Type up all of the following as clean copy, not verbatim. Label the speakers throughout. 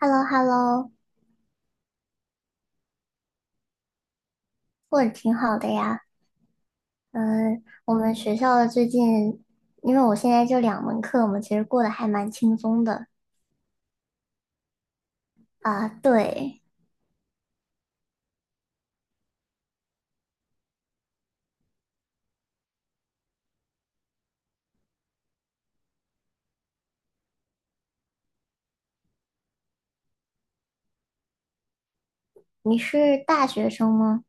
Speaker 1: h e l l o h e l l o 过得挺好的呀。嗯，我们学校的最近，因为我现在就两门课嘛，其实过得还蛮轻松的啊。对，你是大学生吗？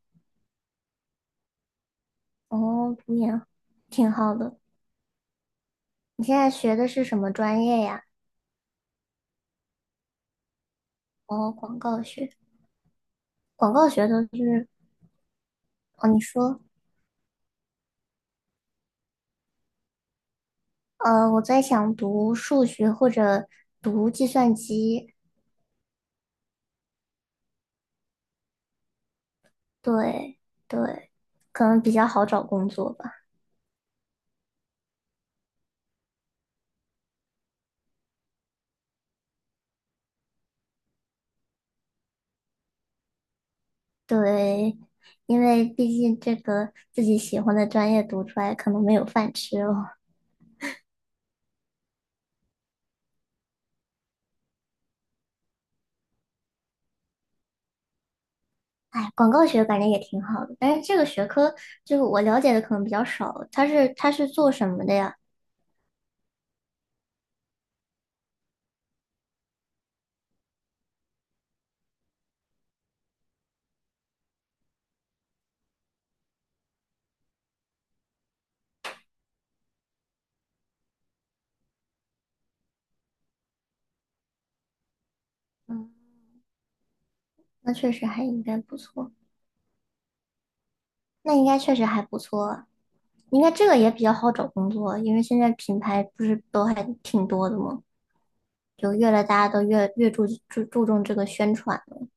Speaker 1: 哦，读研，挺好的。你现在学的是什么专业呀？哦，广告学。广告学的是，哦，你说，我在想读数学或者读计算机。对对，可能比较好找工作吧。对，因为毕竟这个自己喜欢的专业读出来可能没有饭吃哦。哎，广告学感觉也挺好的，但是这个学科就是我了解的可能比较少。它是做什么的呀？嗯，那确实还应该不错，那应该确实还不错啊，应该这个也比较好找工作，因为现在品牌不是都还挺多的吗？就越来大家都越注重这个宣传了。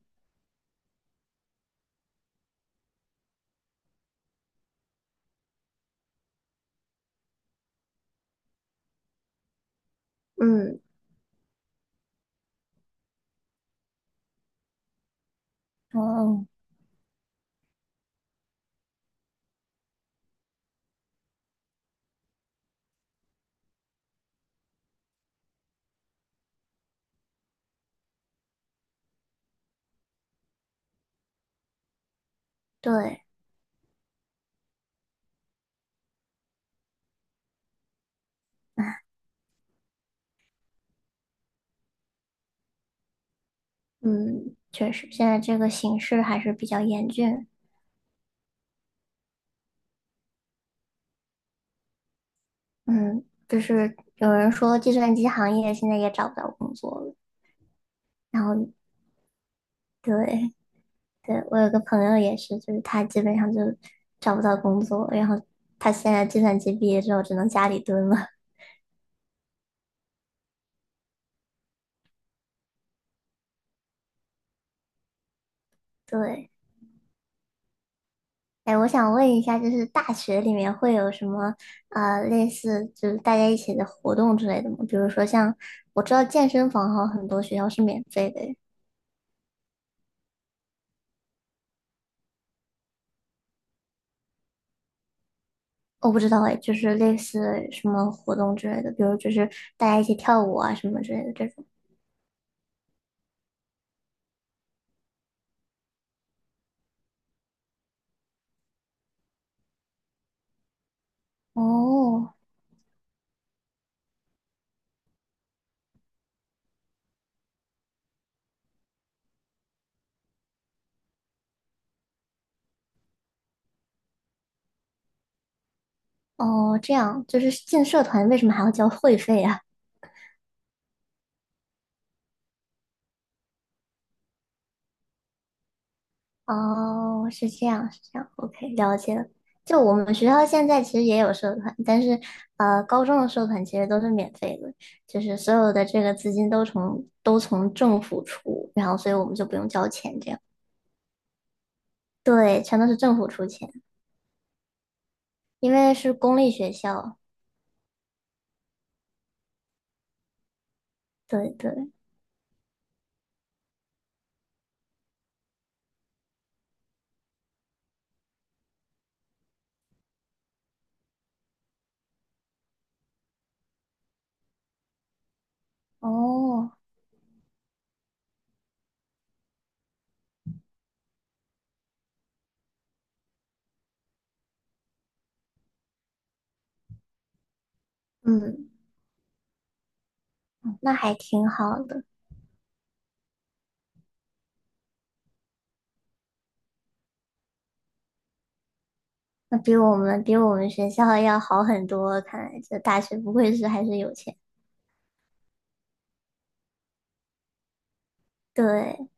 Speaker 1: 嗯，哦，对。嗯，确实，现在这个形势还是比较严峻。嗯，就是有人说计算机行业现在也找不到工作了。然后，对对，我有个朋友也是，就是他基本上就找不到工作，然后他现在计算机毕业之后只能家里蹲了。对，哎，我想问一下，就是大学里面会有什么类似就是大家一起的活动之类的吗？比如说像我知道健身房好像很多学校是免费的，我不知道哎，就是类似什么活动之类的，比如就是大家一起跳舞啊什么之类的这种。哦哦，这样就是进社团为什么还要交会费啊？哦，是这样是这样，OK,了解了。就我们学校现在其实也有社团，但是高中的社团其实都是免费的，就是所有的这个资金都从政府出，然后所以我们就不用交钱这样。对，全都是政府出钱，因为是公立学校。对对，哦。嗯，那还挺好的，那比我们学校要好很多。看来这大学不愧是还是有钱。对，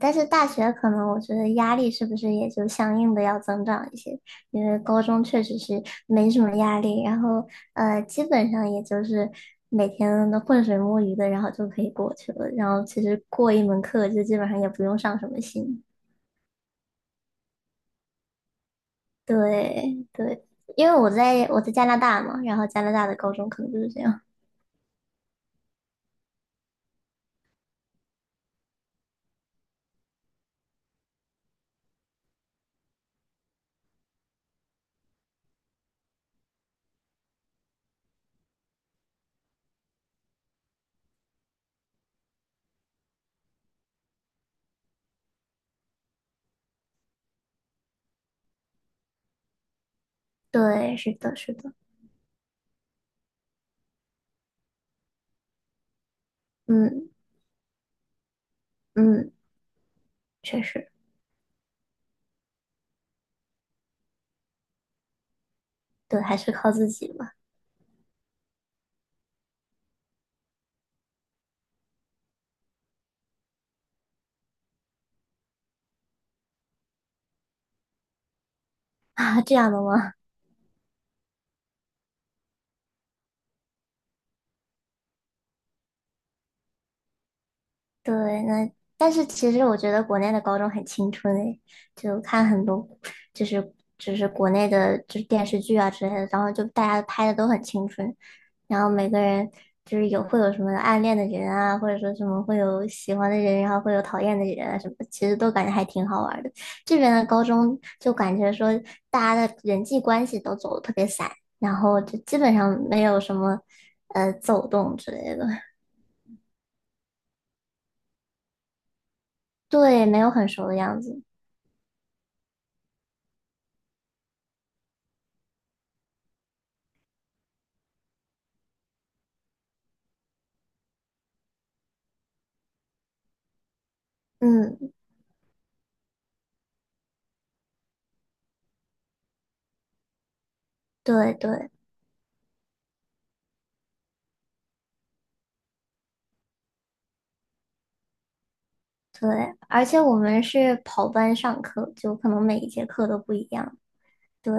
Speaker 1: 但是大学可能我觉得压力是不是也就相应的要增长一些？因为高中确实是没什么压力，然后基本上也就是每天都浑水摸鱼的，然后就可以过去了。然后其实过一门课就基本上也不用上什么心。对对，因为我在加拿大嘛，然后加拿大的高中可能就是这样。对，是的，是的，嗯嗯，确实，对，还是靠自己嘛。啊，这样的吗？对，那但是其实我觉得国内的高中很青春诶，就看很多就是就是国内的就是电视剧啊之类的，然后就大家拍的都很青春，然后每个人就是有会有什么暗恋的人啊，或者说什么会有喜欢的人，然后会有讨厌的人啊什么的其实都感觉还挺好玩的。这边的高中就感觉说大家的人际关系都走的特别散，然后就基本上没有什么走动之类的，对，没有很熟的样子。嗯，对对对，而且我们是跑班上课，就可能每一节课都不一样。对，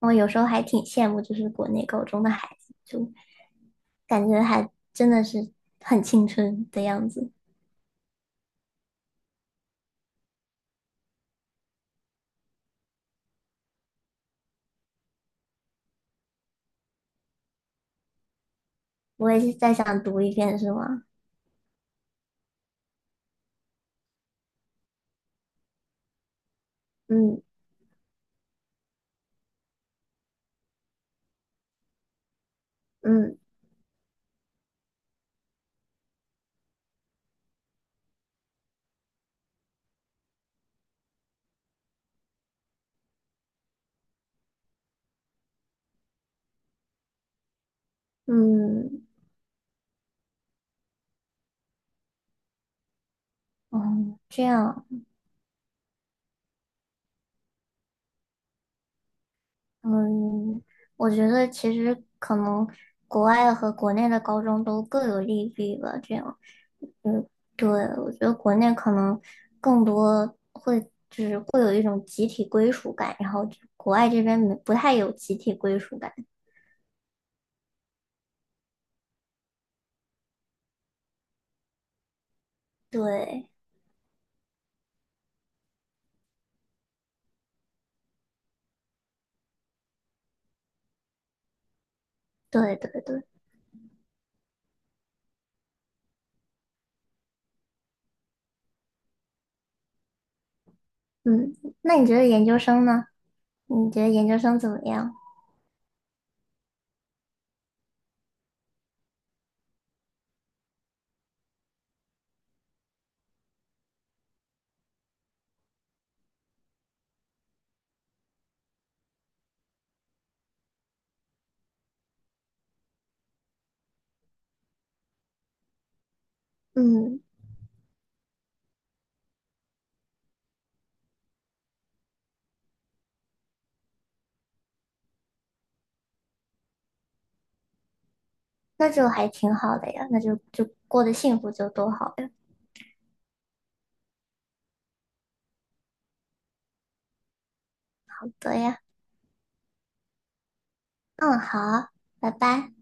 Speaker 1: 我有时候还挺羡慕，就是国内高中的孩子，就感觉还真的是很青春的样子。我也是再想读一遍，是吗？嗯嗯嗯嗯，这样，嗯，我觉得其实可能国外和国内的高中都各有利弊吧，这样。嗯，对，我觉得国内可能更多。就是会有一种集体归属感，然后就国外这边没不太有集体归属感。对，对，对，对，嗯，那你觉得研究生呢？你觉得研究生怎么样？嗯，那就还挺好的呀，那就就过得幸福就多好呀。对呀，嗯，好，拜拜。